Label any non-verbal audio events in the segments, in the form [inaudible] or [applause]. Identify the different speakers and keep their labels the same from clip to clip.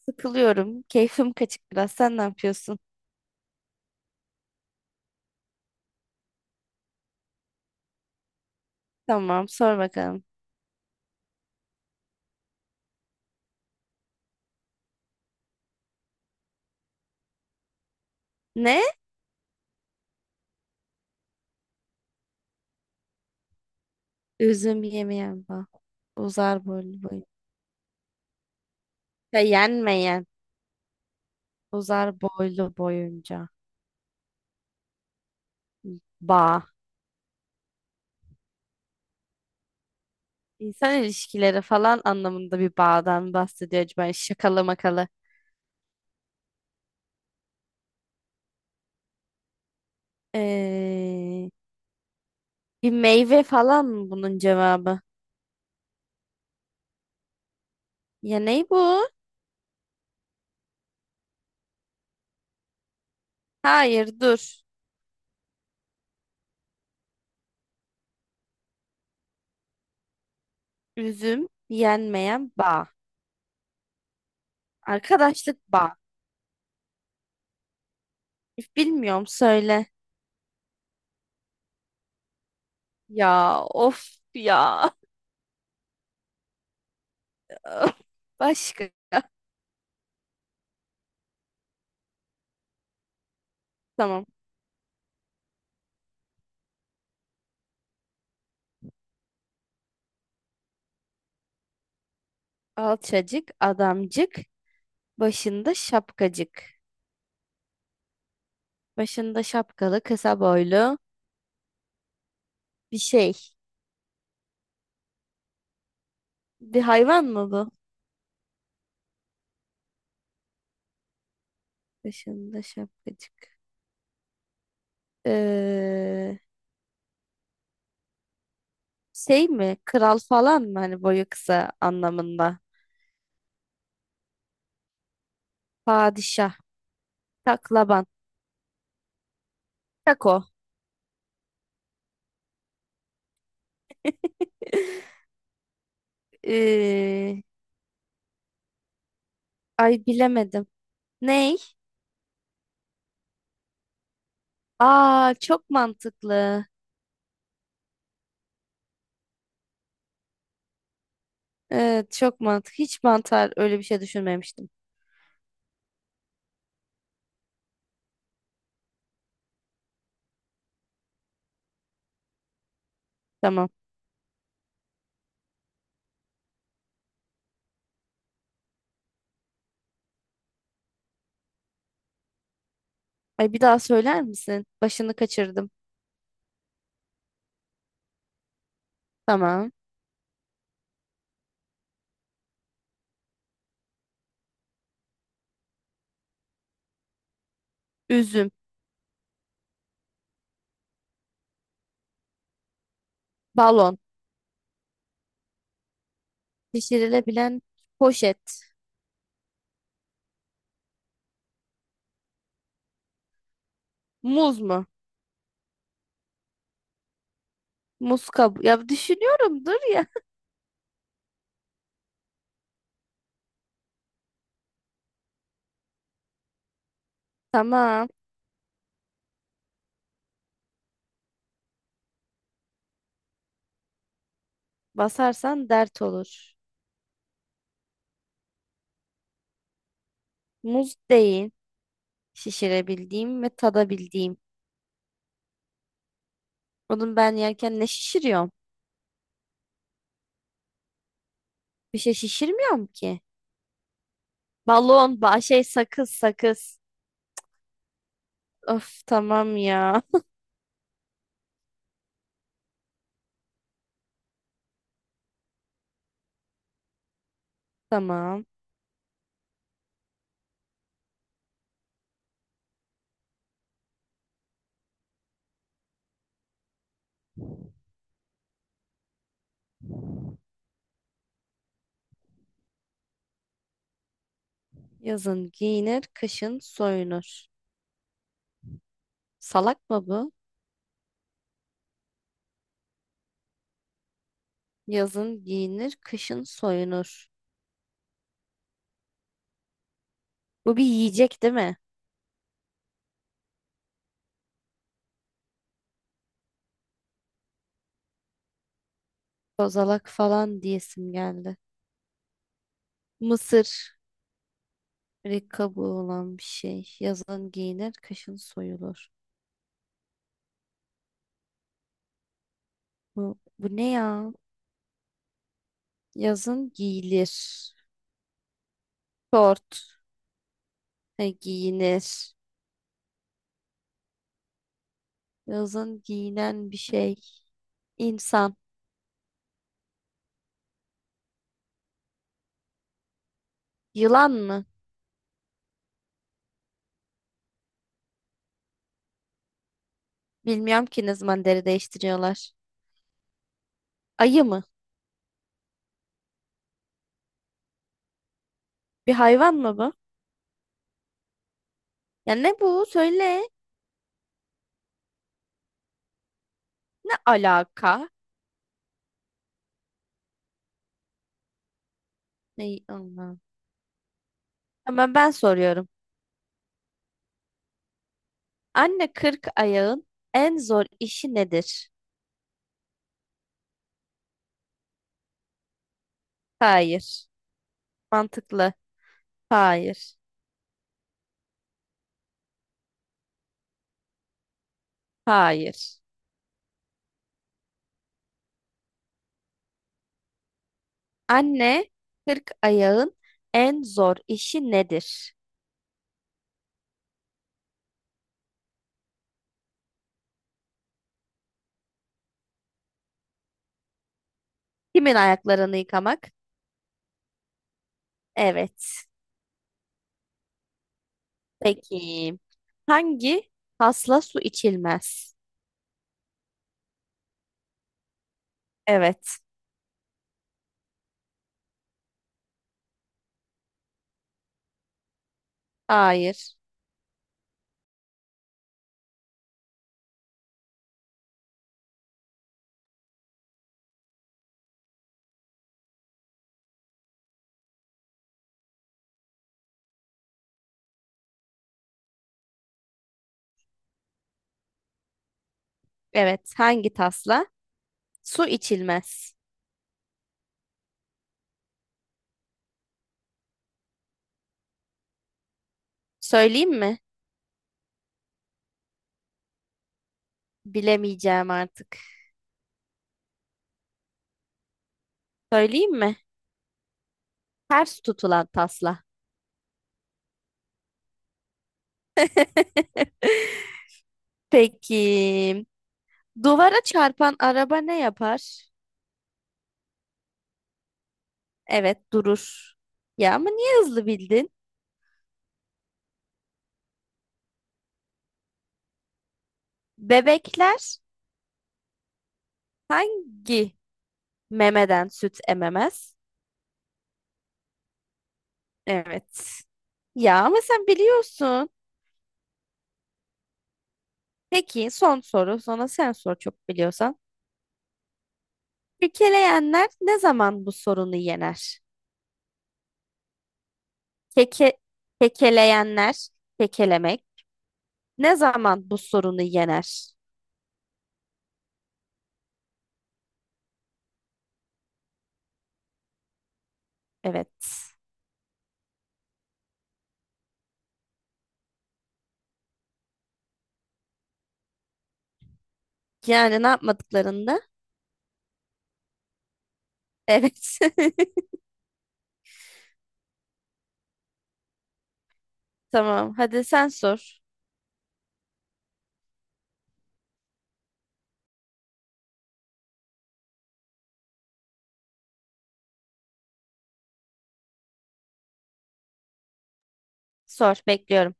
Speaker 1: Sıkılıyorum. Keyfim kaçık biraz. Sen ne yapıyorsun? Tamam, sor bakalım. Ne? Üzüm yemeyen bak. Uzar boylu boyunca. Yenmeyen. Uzar boylu boyunca. Bağ. İnsan ilişkileri falan anlamında bir bağdan bahsediyor acaba. Şakalı makalı. Ee, Bir meyve falan mı bunun cevabı? Ya ne bu? Hayır dur. Üzüm yenmeyen bağ. Arkadaşlık bağ. Bilmiyorum söyle. Ya of ya. [laughs] Başka. Tamam. Alçacık, adamcık, başında şapkacık. Başında şapkalı, kısa boylu bir şey. Bir hayvan mı bu? Başında şapkacık. Ee, Şey mi? Kral falan mı? Hani boyu kısa anlamında. Padişah, taklaban, tako. [laughs] Ee, Ay bilemedim. Ney? Aa çok mantıklı. Evet çok mantıklı. Hiç mantar öyle bir şey düşünmemiştim. Tamam. Ay bir daha söyler misin? Başını kaçırdım. Tamam. Üzüm, balon, şişirilebilen poşet, muz mu? Muz kabuğu. Ya düşünüyorum dur ya. Tamam. Basarsan dert olur. Muz değil. Şişirebildiğim ve tadabildiğim. Onun ben yerken ne şişiriyorum? Bir şey şişirmiyorum ki. Balon, ba şey sakız sakız. Of tamam ya. [laughs] Tamam. Yazın giyinir, kışın soyunur. Salak mı bu? Yazın giyinir, kışın soyunur. Bu bir yiyecek değil mi? Kozalak falan diyesim geldi. Mısır. Bir kabuğu olan bir şey. Yazın giyinir, kışın soyulur. Bu ne ya? Yazın giyilir. Şort. He, giyinir. Yazın giyinen bir şey. İnsan. Yılan mı? Bilmiyorum ki ne zaman deri değiştiriyorlar. Ayı mı? Bir hayvan mı bu? Ya ne bu? Söyle. Ne alaka? Ne, Allah. Tamam ben soruyorum. Anne kırk ayağın en zor işi nedir? Hayır. Mantıklı. Hayır. Hayır. Anne kırk ayağın en zor işi nedir? Kimin ayaklarını yıkamak? Evet. Peki. Hangi tasla su içilmez? Evet. Hayır. Evet. Hangi tasla? Su içilmez. Söyleyeyim mi? Bilemeyeceğim artık. Söyleyeyim mi? Ters tutulan tasla. [laughs] Peki. Duvara çarpan araba ne yapar? Evet, durur. Ya ama niye hızlı bildin? Bebekler hangi memeden süt ememez? Evet. Ya ama sen biliyorsun. Peki son soru. Sonra sen sor çok biliyorsan. Kekeleyenler ne zaman bu sorunu yener? Keke, kekeleyenler, kekelemek ne zaman bu sorunu yener? Evet. Yani ne yapmadıklarında. Evet. [laughs] Tamam. Hadi sen sor. Sor. Bekliyorum.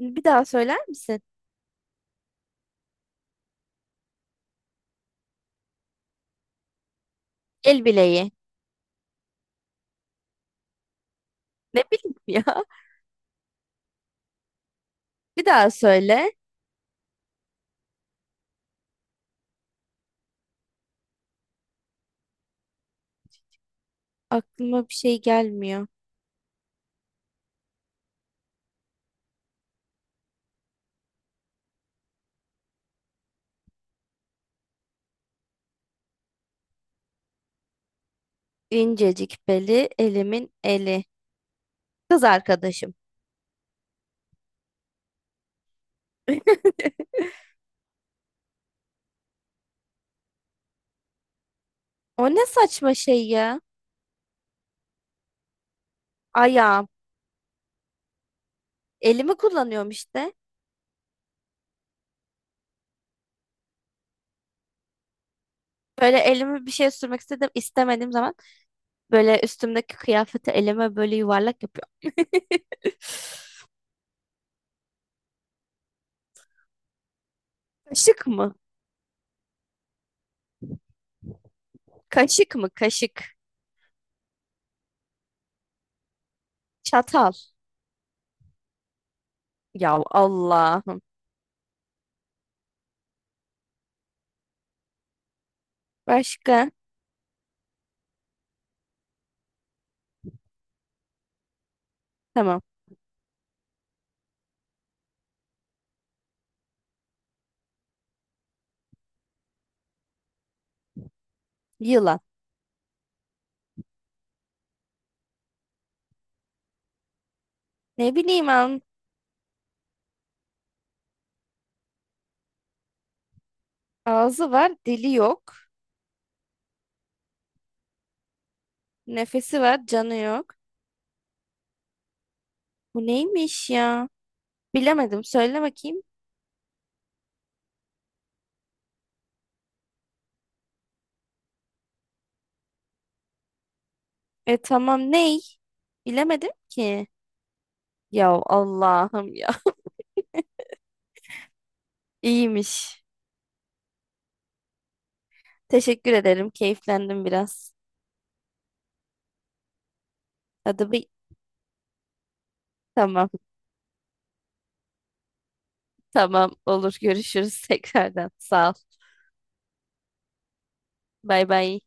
Speaker 1: Bir daha söyler misin? El bileği. Ne bileyim ya. [laughs] Bir daha söyle. Aklıma bir şey gelmiyor. İncecik beli, elimin eli. Kız arkadaşım. [laughs] O ne saçma şey ya. Ayağım. Elimi kullanıyorum işte. Böyle elimi bir şey sürmek istedim, istemediğim zaman böyle üstümdeki kıyafeti elime böyle yuvarlak yapıyorum. [laughs] Kaşık mı? Kaşık mı? Kaşık. Çatal. Ya Allah'ım. Başka? Tamam. Yılan. Ne bileyim an. Ağzı var, dili yok. Nefesi var, canı yok. Bu neymiş ya? Bilemedim. Söyle bakayım. E tamam ney? Bilemedim ki. Ya Allah'ım ya. [laughs] İyiymiş. Teşekkür ederim. Keyiflendim biraz. Hadi bir. Tamam. Tamam. Olur. Görüşürüz [laughs] tekrardan. Sağ ol. Bay bay.